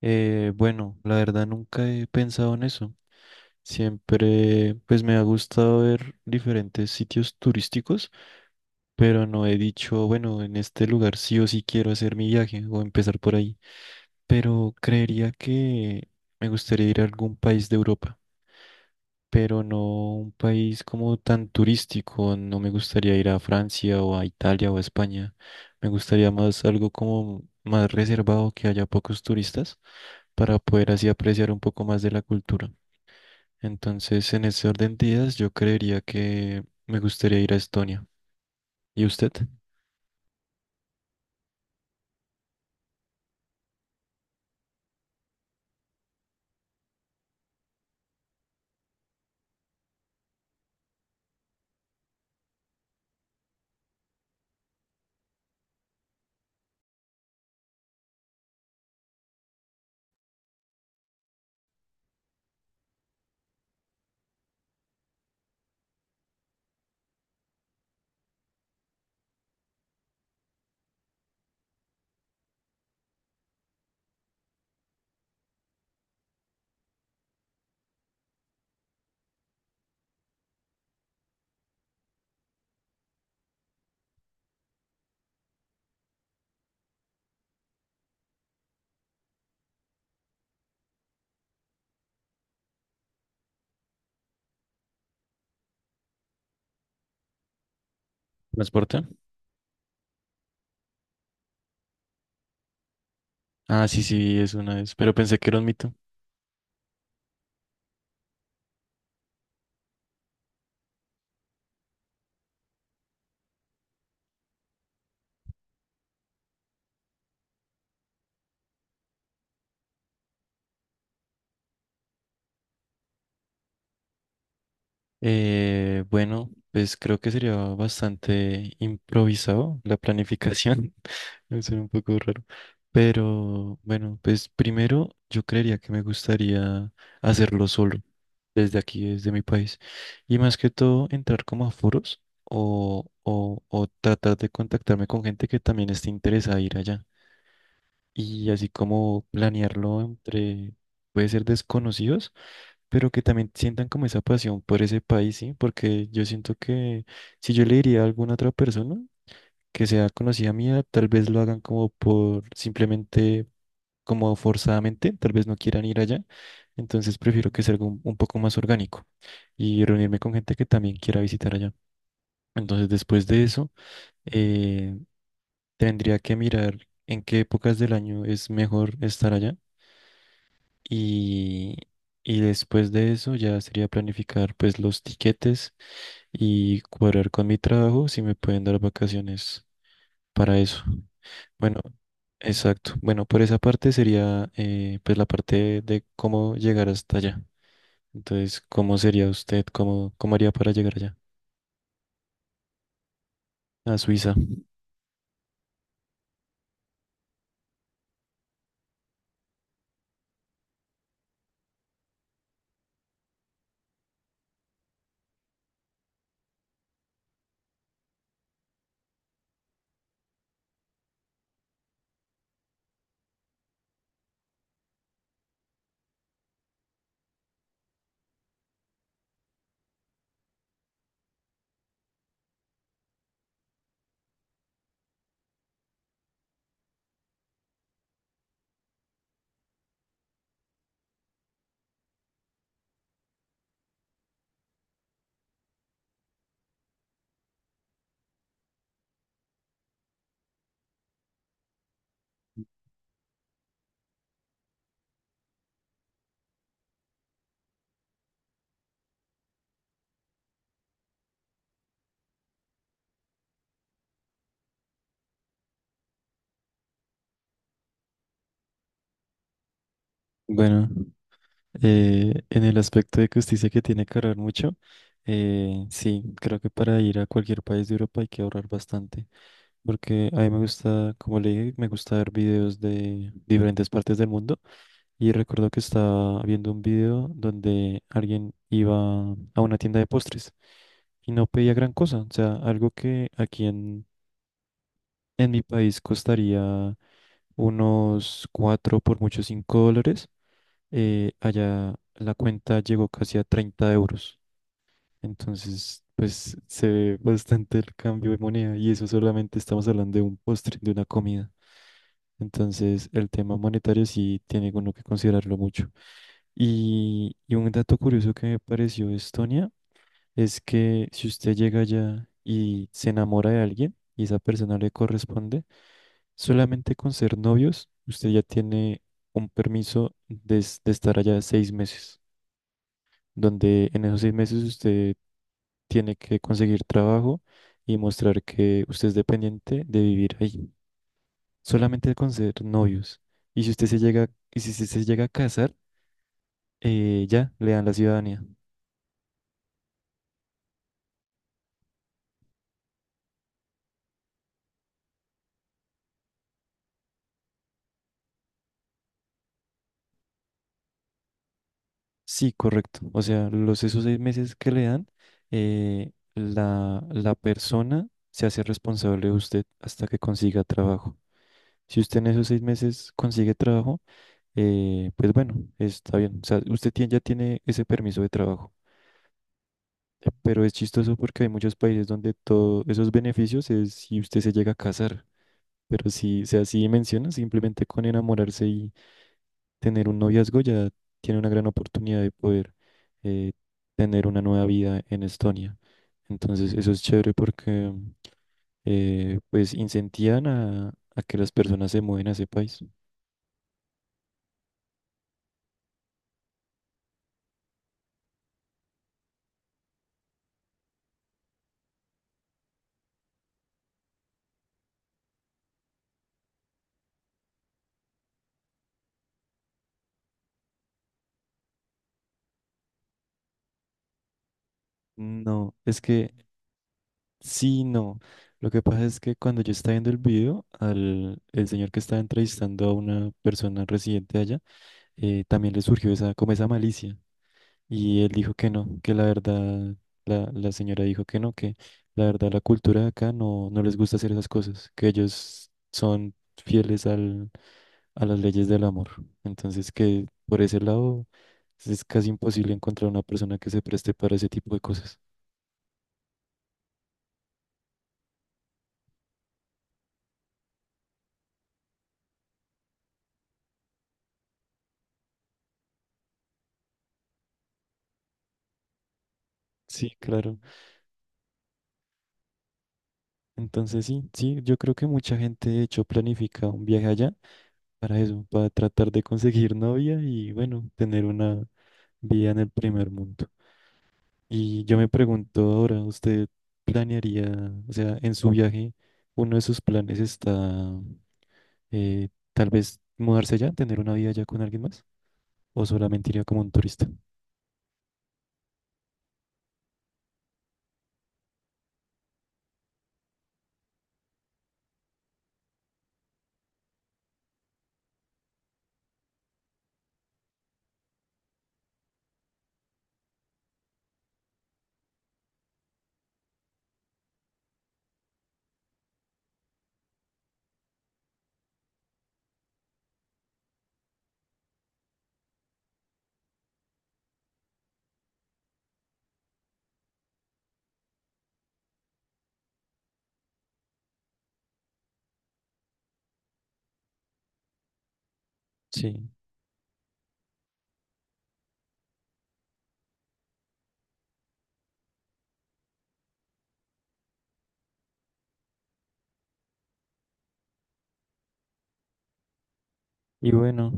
Bueno, la verdad nunca he pensado en eso. Siempre, pues me ha gustado ver diferentes sitios turísticos, pero no he dicho, bueno, en este lugar sí o sí quiero hacer mi viaje o empezar por ahí. Pero creería que me gustaría ir a algún país de Europa, pero no un país como tan turístico. No me gustaría ir a Francia o a Italia o a España. Me gustaría más algo como más reservado, que haya pocos turistas, para poder así apreciar un poco más de la cultura. Entonces, en ese orden de ideas, yo creería que me gustaría ir a Estonia. ¿Y usted? ¿Transporte? Ah, sí, sí, es una vez, pero pensé que era un mito. Bueno, pues creo que sería bastante improvisado la planificación. Es un poco raro. Pero bueno, pues primero yo creería que me gustaría hacerlo solo, desde aquí, desde mi país. Y más que todo, entrar como a foros o tratar de contactarme con gente que también esté interesada en ir allá. Y así como planearlo entre, puede ser desconocidos, pero que también sientan como esa pasión por ese país, ¿sí? Porque yo siento que si yo le diría a alguna otra persona, que sea conocida mía, tal vez lo hagan como por simplemente, como forzadamente, tal vez no quieran ir allá, entonces prefiero que sea algo un poco más orgánico y reunirme con gente que también quiera visitar allá. Entonces, después de eso, eh, tendría que mirar en qué épocas del año es mejor estar allá y, y después de eso ya sería planificar pues los tiquetes y cuadrar con mi trabajo si me pueden dar vacaciones para eso. Bueno, exacto. Bueno, por esa parte sería pues la parte de cómo llegar hasta allá. Entonces, ¿cómo sería usted? ¿Cómo, cómo haría para llegar allá? A Suiza. Bueno, en el aspecto de que usted dice que tiene que ahorrar mucho, sí, creo que para ir a cualquier país de Europa hay que ahorrar bastante. Porque a mí me gusta, como le dije, me gusta ver videos de diferentes partes del mundo. Y recuerdo que estaba viendo un video donde alguien iba a una tienda de postres y no pedía gran cosa. O sea, algo que aquí en mi país costaría unos cuatro, por mucho $5. Allá la cuenta llegó casi a 30 euros. Entonces, pues se ve bastante el cambio de moneda y eso solamente estamos hablando de un postre, de una comida. Entonces, el tema monetario sí tiene uno que considerarlo mucho. Y un dato curioso que me pareció de Estonia es que si usted llega allá y se enamora de alguien y esa persona le corresponde, solamente con ser novios, usted ya tiene un permiso de, es- de estar allá 6 meses, donde en esos 6 meses usted tiene que conseguir trabajo y mostrar que usted es dependiente de vivir ahí, solamente con ser novios. Y si usted se llega, y si se llega a casar, ya le dan la ciudadanía. Sí, correcto. O sea, los esos 6 meses que le dan, la persona se hace responsable de usted hasta que consiga trabajo. Si usted en esos seis meses consigue trabajo, pues bueno, está bien. O sea, usted tiene- ya tiene ese permiso de trabajo. Pero es chistoso porque hay muchos países donde todos esos beneficios es si usted se llega a casar. Pero si, o sea, así menciona, simplemente con enamorarse y tener un noviazgo ya tiene una gran oportunidad de poder eh, tener una nueva vida en Estonia. Entonces, eso es chévere porque pues incentivan a que las personas se mueven a ese país. No, es que sí, no. Lo que pasa es que cuando yo estaba viendo el video, al el señor que estaba entrevistando a una persona residente allá, también le surgió esa, como esa malicia. Y él dijo que no, que la verdad, la señora dijo que no, que la verdad la cultura de acá no, no les gusta hacer esas cosas, que ellos son fieles al, a las leyes del amor. Entonces que por ese lado es casi imposible encontrar una persona que se preste para ese tipo de cosas. Sí, claro. Entonces sí, sí, yo creo que mucha gente de hecho planifica un viaje allá para eso, para tratar de conseguir novia y bueno, tener una vida en el primer mundo. Y yo me pregunto ahora, ¿usted planearía, o sea, en su viaje, uno de sus planes está eh, tal vez mudarse allá, tener una vida allá con alguien más? ¿O solamente iría como un turista? Sí. Y bueno.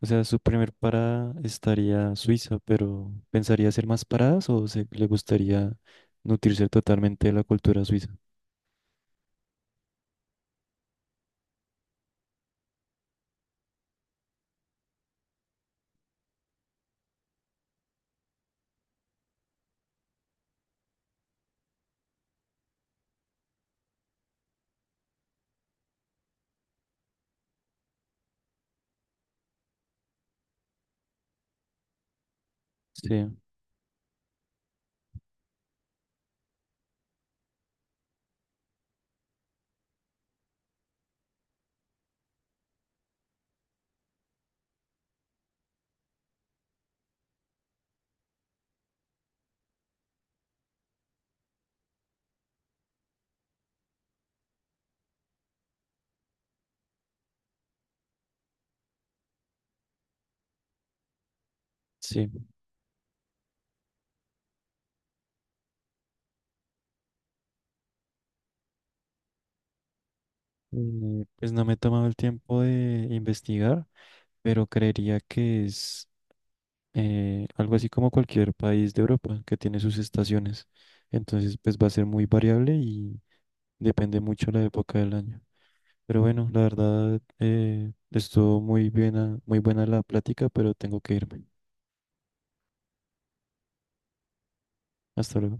O sea, su primer parada estaría Suiza, pero ¿pensaría hacer más paradas o se, le gustaría nutrirse totalmente de la cultura suiza? Sí, sí. Pues no me he tomado el tiempo de investigar, pero creería que es algo así como cualquier país de Europa que tiene sus estaciones. Entonces, pues va a ser muy variable y depende mucho la época del año. Pero bueno, la verdad, estuvo muy bien, muy buena la plática, pero tengo que irme. Hasta luego.